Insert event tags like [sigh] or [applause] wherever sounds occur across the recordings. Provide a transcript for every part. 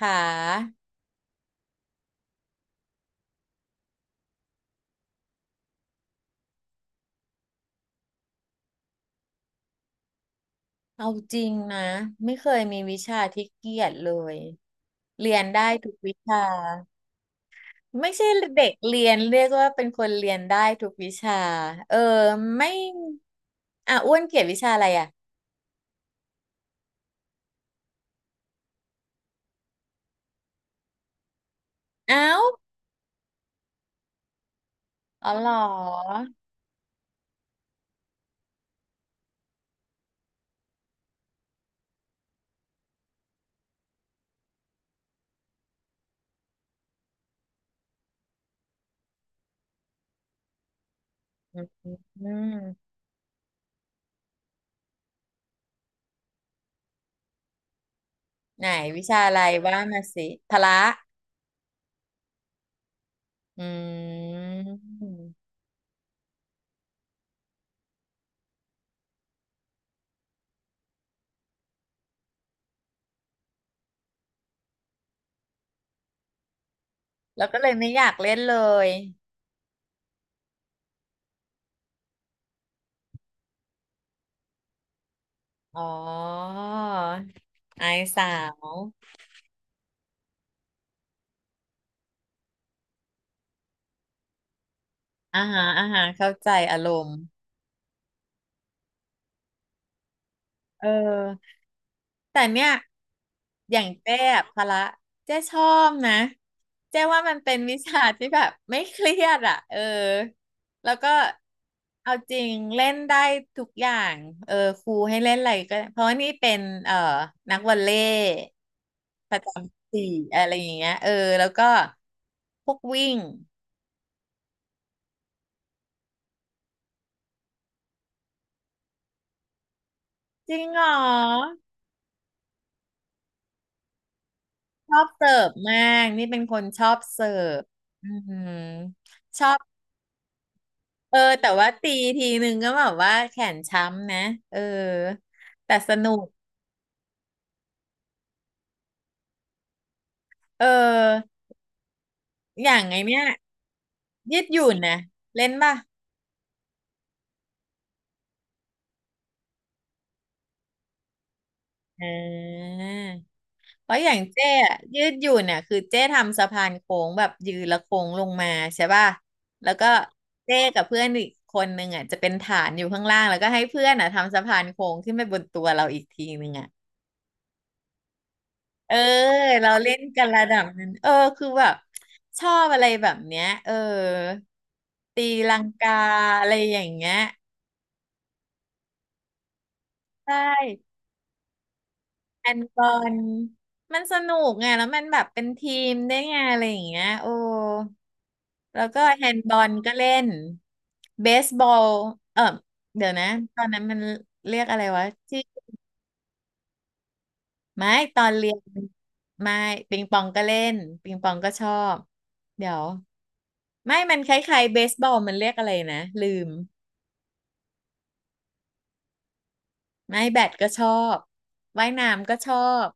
หาเอาจริงนะไม่เคยมีวิชาที่เกลียดเลย เรียนได้ทุกวิชาไม่ใช่เด็กเรียนเรียกว่าเป็นคนเรียนได้ทุกวิชาเออไม่อ่ะอ้วนเกลียดวิชาอะไรอ่ะเอ้าอ๋อเหรออืมไหนวิชาอะไรว่ามาสิพละอืมแล้วก็เลยไม่อยากเล่นเลยอ๋อไอสาวอ่าฮะอ่าฮะเข้าใจอารมณ์ เออแต่เนี่ยอย่างเจ๊อะพละเจ๊ชอบนะเจ๊ว่ามันเป็นวิชาที่แบบไม่เครียดอ่ะเออแล้วก็เอาจริงเล่นได้ทุกอย่างเออครูให้เล่นอะไรก็เพราะว่านี่เป็นเอ่อนักวอลเลย์ประจำสี่อะไรอย่างเงี้ยเออแล้วก็พวกวิ่งจริงเหรอชอบเสิร์ฟมากนี่เป็นคนชอบเสิร์ฟอืมชอบ เออแต่ว่าตีทีนึงก็แบบว่าแขนช้ำนะเออแต่สนุกเอออย่างไงเนี่ยยืดหยุ่นนะเล่นป่ะอ่าเพราะอย่างเจ้อะยืดหยุ่นน่ะคือเจ้ทำสะพานโค้งแบบยืนและโค้งลงมาใช่ป่ะแล้วก็เจ้กับเพื่อนอีกคนนึงอ่ะจะเป็นฐานอยู่ข้างล่างแล้วก็ให้เพื่อนอ่ะทำสะพานโค้งขึ้นไปบนตัวเราอีกทีนึงอ่ะ เออเราเล่นกันระดับนั้นเออคือแบบชอบอะไรแบบเนี้ยเออตีลังกาอะไรอย่างเงี้ยใช่แอนกอนมันสนุกไงแล้วมันแบบเป็นทีมได้ไงอะไรอย่างเงี้ยโอ้แล้วก็แฮนด์บอลก็เล่นเบสบอลเออเดี๋ยวนะตอนนั้นมันเรียกอะไรวะ ไม่ตอนเรียนไม่ปิงปองก็เล่นปิงปองก็ชอบเดี๋ยวไม่มันคล้ายๆเบสบอลมันเรียกอะไรนะลืมไม่แบดก็ชอบว่ายน้ำก็ชอบ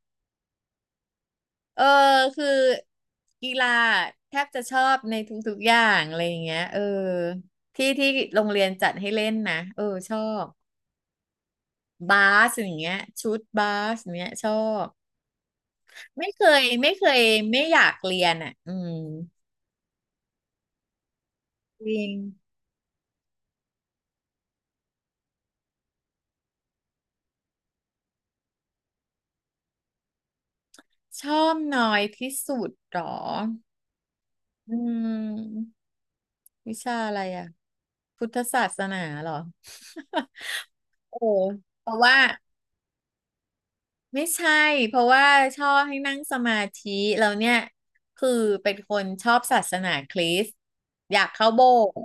เออคือกีฬาแทบจะชอบในทุกๆอย่างอะไรอย่างเงี้ยเออที่ที่โรงเรียนจัดให้เล่นนะเออชอบบาสอย่างเงี้ยชุดบาสอย่างเงี้ยชอบไม่เคยไม่เคยไม่อยากเรียนอ่ะอืมจริง ชอบน้อยที่สุดเหรออืมวิชาอะไรอ่ะพุทธศาสนาเหรอ [laughs] โอ้เพราะว่าไม่ใช่เพราะว่าชอบให้นั่งสมาธิแล้วเนี่ยคือเป็นคนชอบศาสนาคริสต์อยากเข้าโบสถ์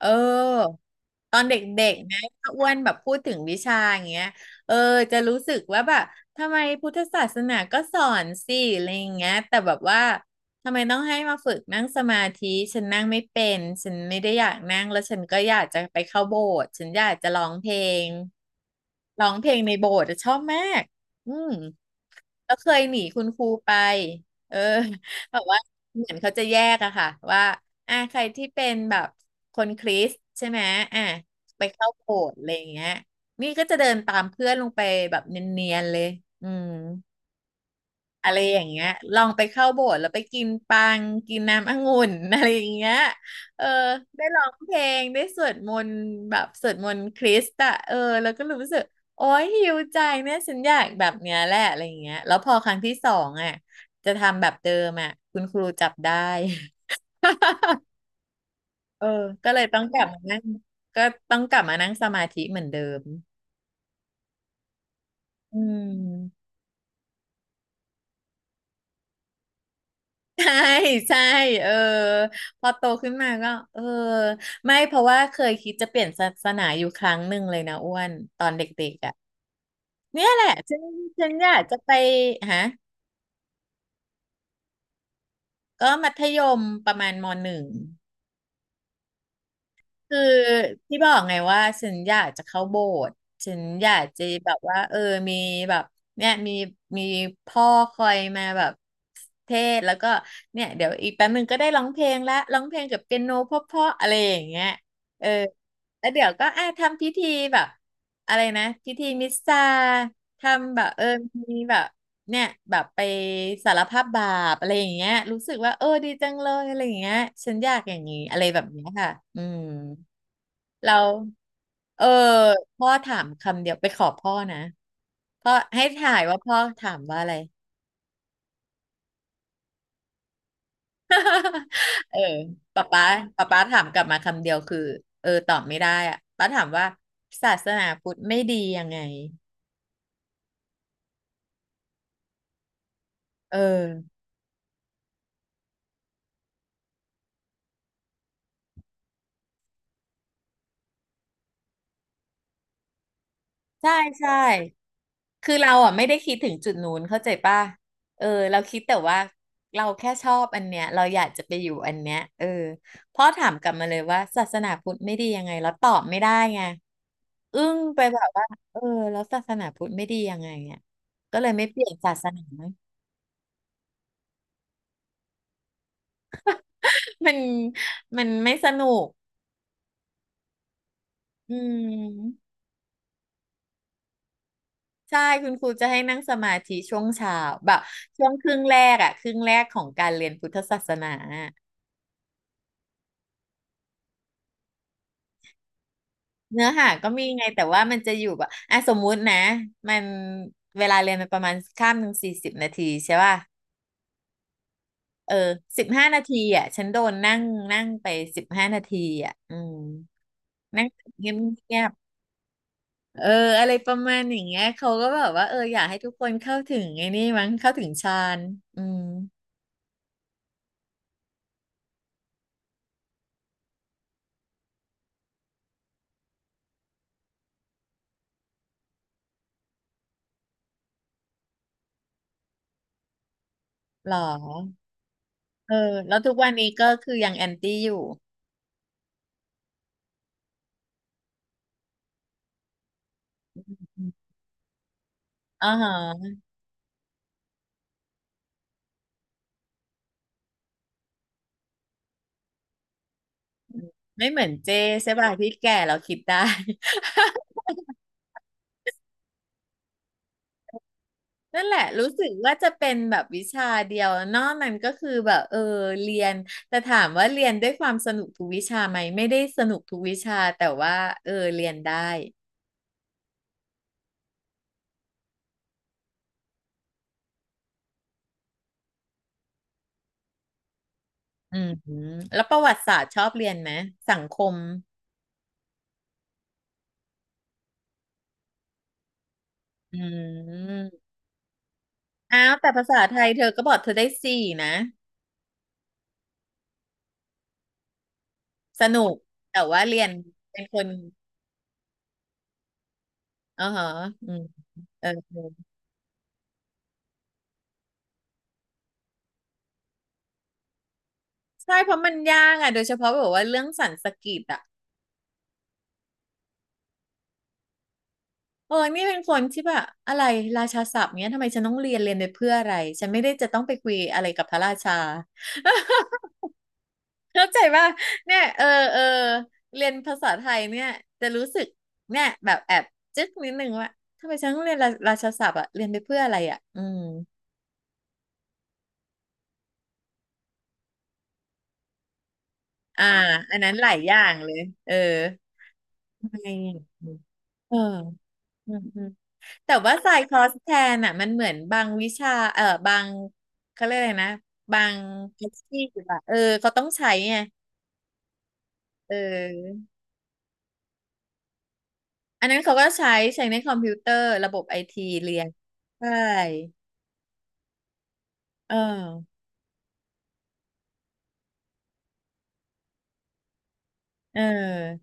เออตอนเด็กๆนะถ้าอ้วนแบบพูดถึงวิชาอย่างเงี้ยเออจะรู้สึกว่าแบบทำไมพุทธศาสนาก็สอนสิอะไรอย่างเงี้ยแต่แบบว่าทำไมต้องให้มาฝึกนั่งสมาธิฉันนั่งไม่เป็นฉันไม่ได้อยากนั่งแล้วฉันก็อยากจะไปเข้าโบสถ์ฉันอยากจะร้องเพลงในโบสถ์อะชอบมากอืมแล้วเคยหนีคุณครูไปเออ [laughs] แบบว่า เหมือนเขาจะแยกอะค่ะว่าอ่ะใครที่เป็นแบบคนคริสต์ใช่ไหมอ่ะไปเข้าโบสถ์อะไรอย่างเงี้ยนี่ก็จะเดินตามเพื่อนลงไปแบบเนียนๆเลยอืมอะไรอย่างเงี้ยลองไปเข้าโบสถ์แล้วไปกินปัง กินน้ำองุ่น [laughs] อะไรอย่างเงี้ยเออได้ร้องเพลงได้สวดมนต์แบบสวดมนต์คริสต์อะเออแล้วก็รู้สึกโอ้ยหิวใจเนี่ยฉันอยากแบบเนี้ยแหละอะไรอย่างเงี้ยแล้วพอครั้งที่สองอะจะทำแบบเดิมอะคุณครูจับได้ เออก็เลยต้องกลับมานั่งก็ต้องกลับมานั่งสมาธิเหมือนเดิมอืม [laughs] ใช่ใช่เออพอโตขึ้นมาก็เออไม่เพราะว่าเคยคิดจะเปลี่ยนศาสนาอยู่ครั้งหนึ่งเลยนะอ้วนตอนเด็กๆอ่ะเนี่ยแหละ ฉันอยากจะไปฮะก็มัธยมประมาณมหนึ่ง คือที่บอกไงว่าฉันอยากจะเข้าโบสถ์ฉันอยากจะแบบว่าเออมีแบบเนี่ยมีพ่อคอยมาแบบเทศน์แล้วก็เนี่ยเดี๋ยวอีกแป๊บนึงก็ได้ร้องเพลงละร้องเพลงกับเปียโนเพราะๆอะไรอย่างเงี้ยเออแล้วเดี๋ยวก็อ่ะทำพิธีแบบอะไรนะพิธีมิสซาทำแบบเออมีแบบเนี่ยแบบไปสารภาพบาปอะไรอย่างเงี้ยรู้สึกว่าเออดีจังเลยอะไรอย่างเงี้ยฉันอยากอย่างนี้อะไรแบบเนี้ยค่ะอืม เราเออพ่อถามคำเดียวไปขอพ่อนะพ่อให้ถ่ายว่าพ่อถามว่าอะไร [laughs] เออป๊าป๊าป๊าป๊าถามกลับมาคำเดียวคือเออตอบไม่ได้อะป๊าถามว่าศาสนาพุทธไม่ดียังไงเออ ใช่ใช่คือเราอ่ะไม่ได้คิดถึงจุดนู้นเข้าใจป่ะเออเราคิดแต่ว่าเราแค่ชอบอันเนี้ยเราอยากจะไปอยู่อันเนี้ยเออพ่อถามกลับมาเลยว่าศาสนาพุทธไม่ดียังไงแล้วตอบไม่ได้ไงอึ้งไปแบบว่าเออแล้วศาสนาพุทธไม่ดียังไงเนี่ยก็เลยไม่เปลี่ยนศาสนา [laughs] มันมันไม่สนุกอืมใช่คุณครูจะให้นั่งสมาธิช่วงเช้าแบบช่วงครึ่งแรกอะครึ่งแรกของการเรียนพุทธศาสนา เนื้อหาก็มีไงแต่ว่ามันจะอยู่แบบอ่ะสมมุตินะมันเวลาเรียนมันประมาณข้าม1:40นาทีใช่ป่ะเออสิบห้านาทีอ่ะฉันโดนนั่งนั่งไปสิบห้านาทีอ่ะอืมนั่งเงียบเงียบเอออะไรประมาณอย่างเงี้ยเขาก็แบบว่าเอออยากให้ทุกคนเข้าถึงไอ้นี่มั้งเข้าถึงฌานอืมหรอเออแล้วทุกวันนี้ก็คือยังแอนตี้อยู่อ๋อฮะไม่เหมือนเจใช่ป่ะที่แก่เราคิดได้ นั่นแหละรู้สึกว่าจะเป็นแบบวิชาเดียวนอกนั้นก็คือแบบเออเรียนแต่ถามว่าเรียนด้วยความสนุกทุกวิชาไหมไม่ได้สนุกทุกวิชาแต่ว่าเออเรียนได้อืมแล้วประวัติศาสตร์ชอบเรียนไหมสังคมอืมอ้าวแต่ภาษาไทยเธอก็บอกเธอได้สี่นะสนุกแต่ว่าเรียนเป็นคนอ๋อฮะอืมเออใช่เพราะมันยากอ่ะโดยเฉพาะแบบว่าเรื่องสันสกฤตอ่ะ เออนี่เป็นคนที่แบบอะไรราชาศัพท์เนี้ยทำไมฉันต้องเรียนเรียนไปเพื่ออะไรฉันไม่ได้จะต้องไปคุยอะไรกับพระราชาเข้าใจป่ะเนี่ยเออเออเรียนภาษาไทยเนี่ยจะรู้สึกเนี่ยแบบแอบจึ๊กนิดนึงว่าทำไมฉันต้องเรียนราชาศัพท์อะเรียนไปเพื่ออะไรอะอืมอ่าอันนั้นหลายอย่างเลยเออทำไมอะเอออืมแต่ว่าสายคอร์สแทนอ่ะมันเหมือนบางวิชาเออบางเขาเรียกอะไรนะบางอาชีพอะเออเขาต้องใช้ไงเอออันนั้นเขาก็ใช้ในคอมพิวเตอร์ระบบไอทีเรียนใช่เออเออ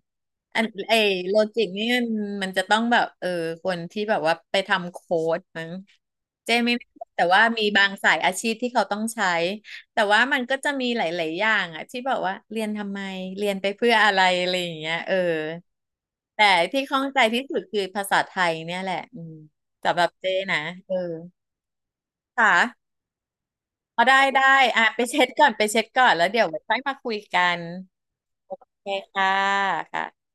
อันเอโลจิกนี่มันจะต้องแบบเออคนที่แบบว่าไปทำโค้ดมั้งเจ๊ไม่แแต่ว่ามีบางสายอาชีพที่เขาต้องใช้แต่ว่ามันก็จะมีหลายๆอย่างอะที่แบบว่าเรียนทำไมเรียนไปเพื่ออะไรอะไรอย่างเงี้ยเออแต่ที่ข้องใจที่สุดคือภาษาไทยเนี่ยแหละอืมสำหรับเจ๊นะเออค่ะเอาได้ได้อ่ะไปเช็ดก่อนไปเช็ดก่อนแล้วเดี๋ยวไว้ค่อยมาคุยกันโอเคค่ะค่ะ